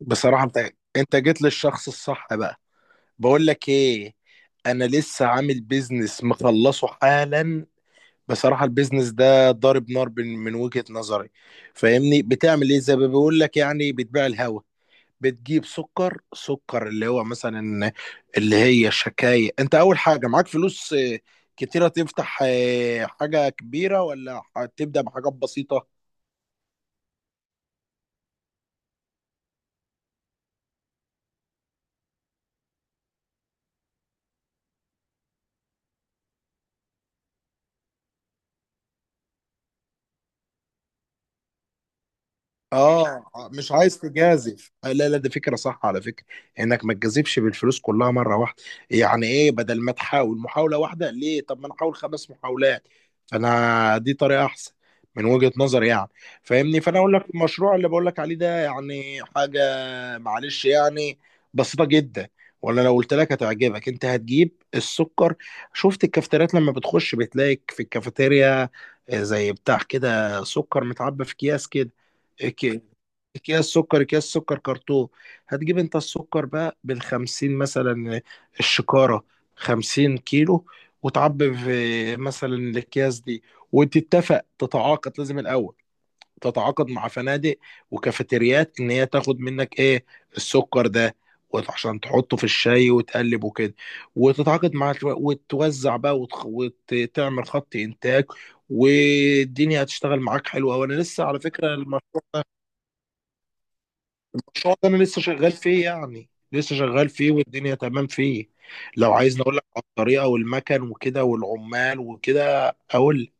بصراحة، انت جيت للشخص الصح بقى. بقول لك ايه، انا لسه عامل بيزنس مخلصه حالا. بصراحة البيزنس ده ضارب نار من وجهة نظري. فاهمني، بتعمل ايه زي ما بيقول لك يعني بتبيع الهوا. بتجيب سكر سكر اللي هو مثلا، اللي هي الشكاية، انت اول حاجة معاك فلوس، كتيرة، تفتح حاجة كبيرة ولا هتبدأ بحاجات بسيطة؟ اه، مش عايز تجازف. لا لا، دي فكره صح على فكره، انك ما تجازفش بالفلوس كلها مره واحده. يعني ايه؟ بدل ما تحاول محاوله واحده، ليه؟ طب ما انا احاول خمس محاولات. فانا دي طريقه احسن من وجهه نظري يعني. فاهمني، فانا اقول لك المشروع اللي بقول لك عليه ده يعني حاجه، معلش يعني، بسيطه جدا. ولا لو قلت لك هتعجبك، انت هتجيب السكر. شفت الكافتريات لما بتخش بتلاقي في الكافيتيريا زي بتاع كده سكر متعبى في اكياس كده، اكياس اكياس سكر كرتون. هتجيب انت السكر بقى بالخمسين مثلا الشكارة، خمسين كيلو، وتعبي في مثلا الاكياس دي. تتعاقد لازم الاول، تتعاقد مع فنادق وكافيتريات ان هي تاخد منك ايه، السكر ده، عشان تحطه في الشاي وتقلب وكده. وتتعاقد مع وتوزع بقى، وتعمل خط انتاج، والدنيا هتشتغل معاك حلوه، وانا لسه على فكره. المشروع ده انا لسه شغال فيه، يعني لسه شغال فيه، والدنيا تمام فيه. لو عايزني اقول لك على الطريقه والمكن وكده والعمال وكده اقول لك.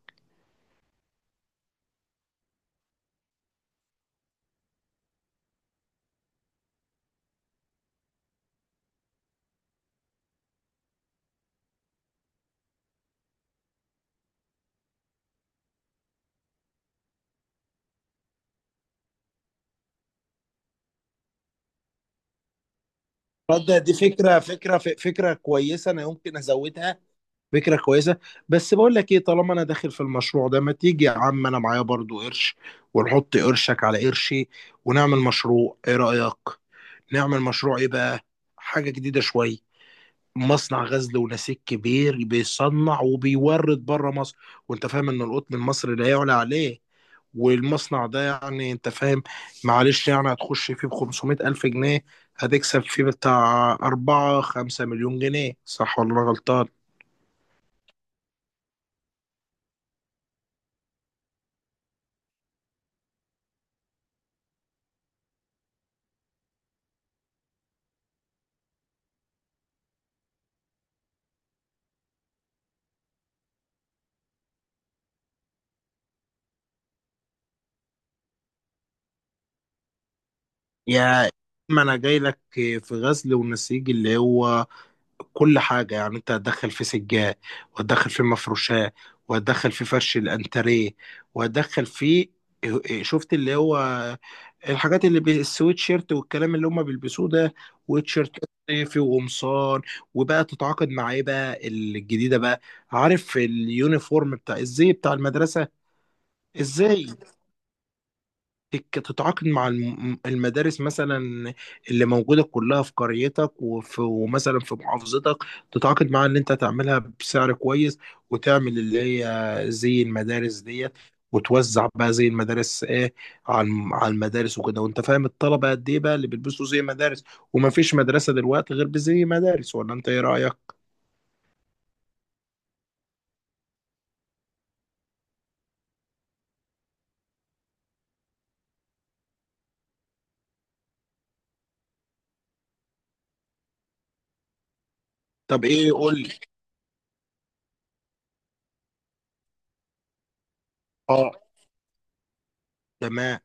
تصدق دي فكره، فكره كويسه، انا يمكن ازودها. فكره كويسه. بس بقول لك ايه، طالما انا داخل في المشروع ده، ما تيجي يا عم، انا معايا برضو قرش، ونحط قرشك على قرشي، ونعمل مشروع، ايه رايك؟ نعمل مشروع ايه بقى؟ حاجه جديده شويه. مصنع غزل ونسيج كبير، بيصنع وبيورد بره مصر، وانت فاهم ان القطن المصري لا يعلى عليه. والمصنع ده يعني انت فاهم، معلش يعني، هتخش فيه ب 500 ألف جنيه، هتكسب فيه بتاع 4 5 مليون جنيه، صح ولا أنا غلطان؟ يا، ما انا جاي لك في غزل ونسيج اللي هو كل حاجة، يعني انت هتدخل في سجاد، وهتدخل في مفروشات، وهتدخل في فرش الانتريه، وهتدخل في إيه، شفت، اللي هو الحاجات السويت شيرت والكلام اللي هم بيلبسوه ده، وتيشيرت صيفي وقمصان. وبقى تتعاقد مع ايه بقى الجديدة بقى؟ عارف اليونيفورم بتاع الزي بتاع المدرسة؟ ازاي؟ تتعاقد مع المدارس مثلا اللي موجودة كلها في قريتك، وفي ومثلا في محافظتك، تتعاقد معاها ان انت تعملها بسعر كويس، وتعمل اللي هي زي المدارس ديت، وتوزع بقى زي المدارس ايه، على على المدارس وكده. وانت فاهم الطلبة قد ايه بقى اللي بيلبسوا زي مدارس، وما فيش مدرسة دلوقتي غير بزي مدارس، ولا انت ايه رأيك؟ طب ايه؟ قول لي. اه، تمام.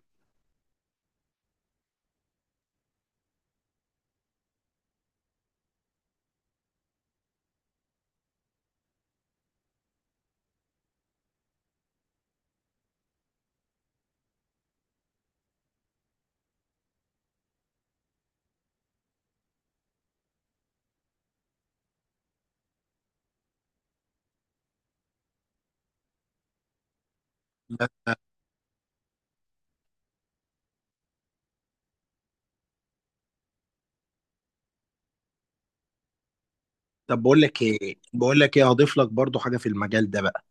طب بقول لك ايه، هضيف لك برضو حاجة في المجال ده بقى،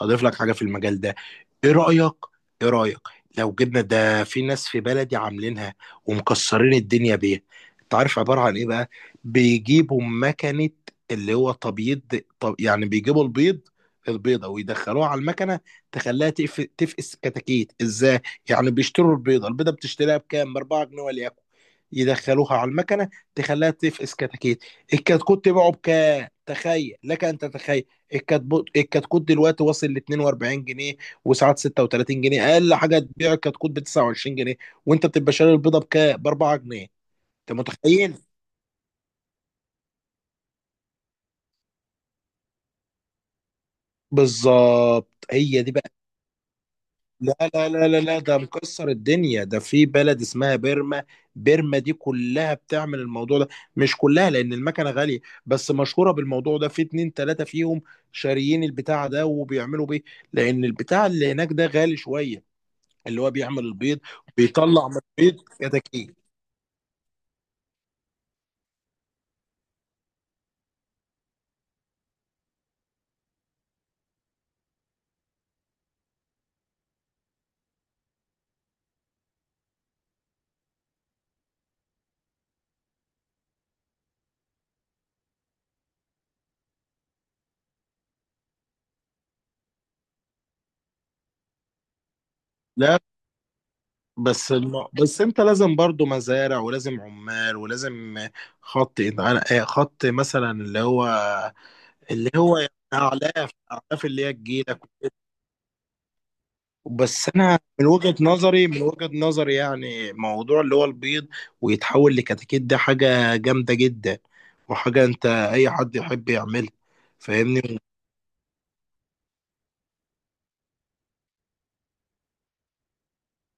اضيف لك حاجه في المجال ده. ايه رايك؟ ايه رايك لو جبنا ده في ناس في بلدي عاملينها ومكسرين الدنيا بيها؟ انت عارف عباره عن ايه بقى؟ بيجيبوا مكنه اللي هو تبييض. طب يعني بيجيبوا البيض، البيضه، ويدخلوها على المكنه، تفقس كتاكيت، ازاي؟ يعني بيشتروا البيضه، بتشتريها بكام؟ ب 4 جنيه وليكن، يدخلوها على المكنه تخليها تفقس كتاكيت. الكتكوت تبيعه بكام؟ تخيل لك ان تتخيل، الكتكوت دلوقتي واصل ل 42 جنيه، وساعات 36 جنيه، اقل حاجه تبيع الكتكوت ب 29 جنيه، وانت بتبقى شاري البيضه بكام؟ ب 4 جنيه. انت متخيل؟ بالظبط، هي دي بقى. لا لا لا لا لا، ده مكسر الدنيا، ده في بلد اسمها بيرما. بيرما دي كلها بتعمل الموضوع ده. مش كلها لان المكنه غاليه، بس مشهوره بالموضوع ده. في اتنين تلاته فيهم شاريين البتاع ده وبيعملوا بيه، لان البتاع اللي هناك ده غالي شويه، اللي هو بيعمل البيض، بيطلع من البيض كتاكيت. لا، بس انت لازم برضو مزارع، ولازم عمال، ولازم خط خط مثلا، اللي هو، اللي هو يعني اعلاف اللي هي تجيلك. بس انا من وجهة نظري، يعني موضوع اللي هو البيض ويتحول لكتاكيت، ده حاجة جامدة جدا، وحاجة انت اي حد يحب يعملها. فاهمني؟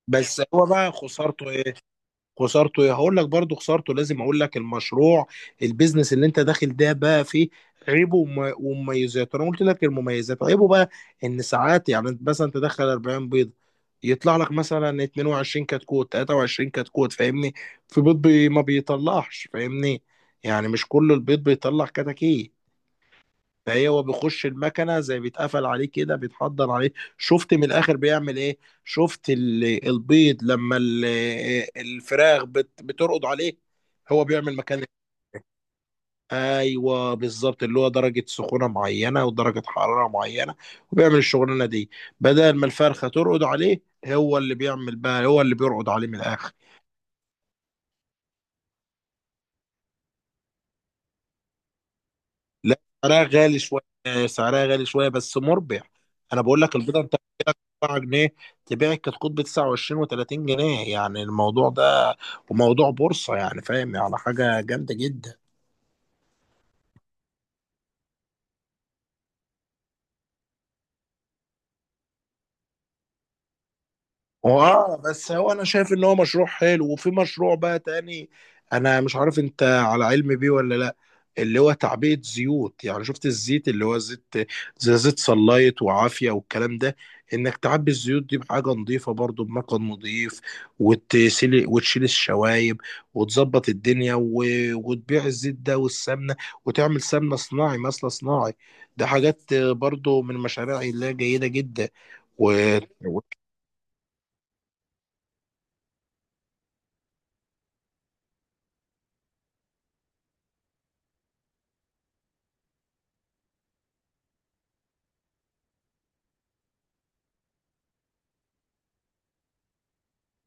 بس هو بقى خسارته ايه؟ خسارته ايه؟ هقول لك برضو خسارته. لازم اقول لك المشروع، البيزنس اللي انت داخل ده بقى فيه عيبه ومميزاته. انا قلت لك المميزات، عيبه بقى ان ساعات يعني مثلا تدخل 40 بيضه، يطلع لك مثلا 22 كتكوت، 23 كتكوت. فاهمني؟ في بيض بي ما بيطلعش. فاهمني؟ يعني مش كل البيض بيطلع كتاكيت. فهي هو بيخش المكنه زي بيتقفل عليه كده، بيتحضر عليه. شفت من الاخر بيعمل ايه؟ شفت البيض لما الفراخ بترقد عليه، هو بيعمل مكان. ايوه بالظبط، اللي هو درجه سخونه معينه ودرجه حراره معينه، وبيعمل الشغلانه دي، بدل ما الفرخه ترقد عليه، هو اللي بيعمل بقى، هو اللي بيرقد عليه من الاخر. لا، سعرها غالي شويه، سعرها غالي شويه، بس مربح. انا بقول لك البيضه 7 جنيه، تبيعك كتكوت ب 29 و30 جنيه، يعني الموضوع ده وموضوع بورصة يعني، فاهم؟ يعني حاجة جامدة جدا. هو اه، بس هو انا شايف ان هو مشروع حلو. وفي مشروع بقى تاني انا مش عارف انت على علم بيه ولا لا، اللي هو تعبئة زيوت، يعني شفت الزيت اللي هو زيت، زي زيت صلايت وعافية والكلام ده، انك تعبي الزيوت دي بحاجة نظيفة، برضو بمكان نظيف، وتسيل وتشيل الشوايب، وتظبط الدنيا وتبيع الزيت ده والسمنة. وتعمل سمنة صناعي مثلا، صناعي، ده حاجات برضو من المشاريع اللي هي جيدة جدا و...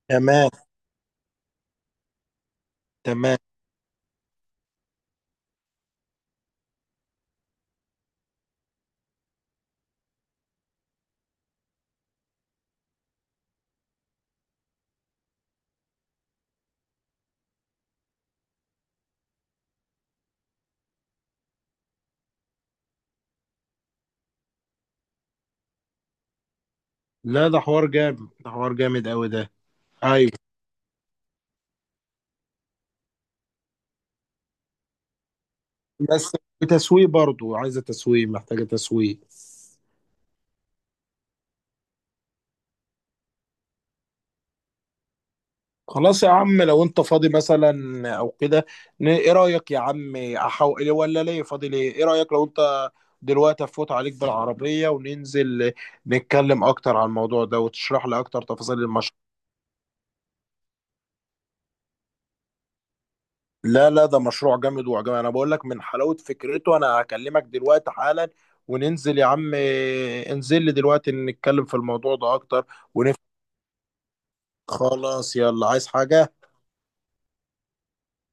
وكمان. تمام. لا، ده حوار جامد، ده حوار جامد قوي ده. ايوه بس، تسويق برضو، عايزه تسويق، محتاجه تسويق. خلاص يا عم، لو انت فاضي مثلا او كده، ايه رايك يا عم؟ احاول ولا ليه؟ فاضي ليه؟ ايه رايك لو انت دلوقتي افوت عليك بالعربيه وننزل نتكلم اكتر عن الموضوع ده، وتشرح لي اكتر تفاصيل المشروع؟ لا لا، ده مشروع جامد وعجبني. انا بقول لك من حلاوة فكرته، انا هكلمك دلوقتي حالا، وننزل يا عم. انزل لي دلوقتي، نتكلم في الموضوع ده اكتر ونفهم. خلاص، يلا، عايز حاجة؟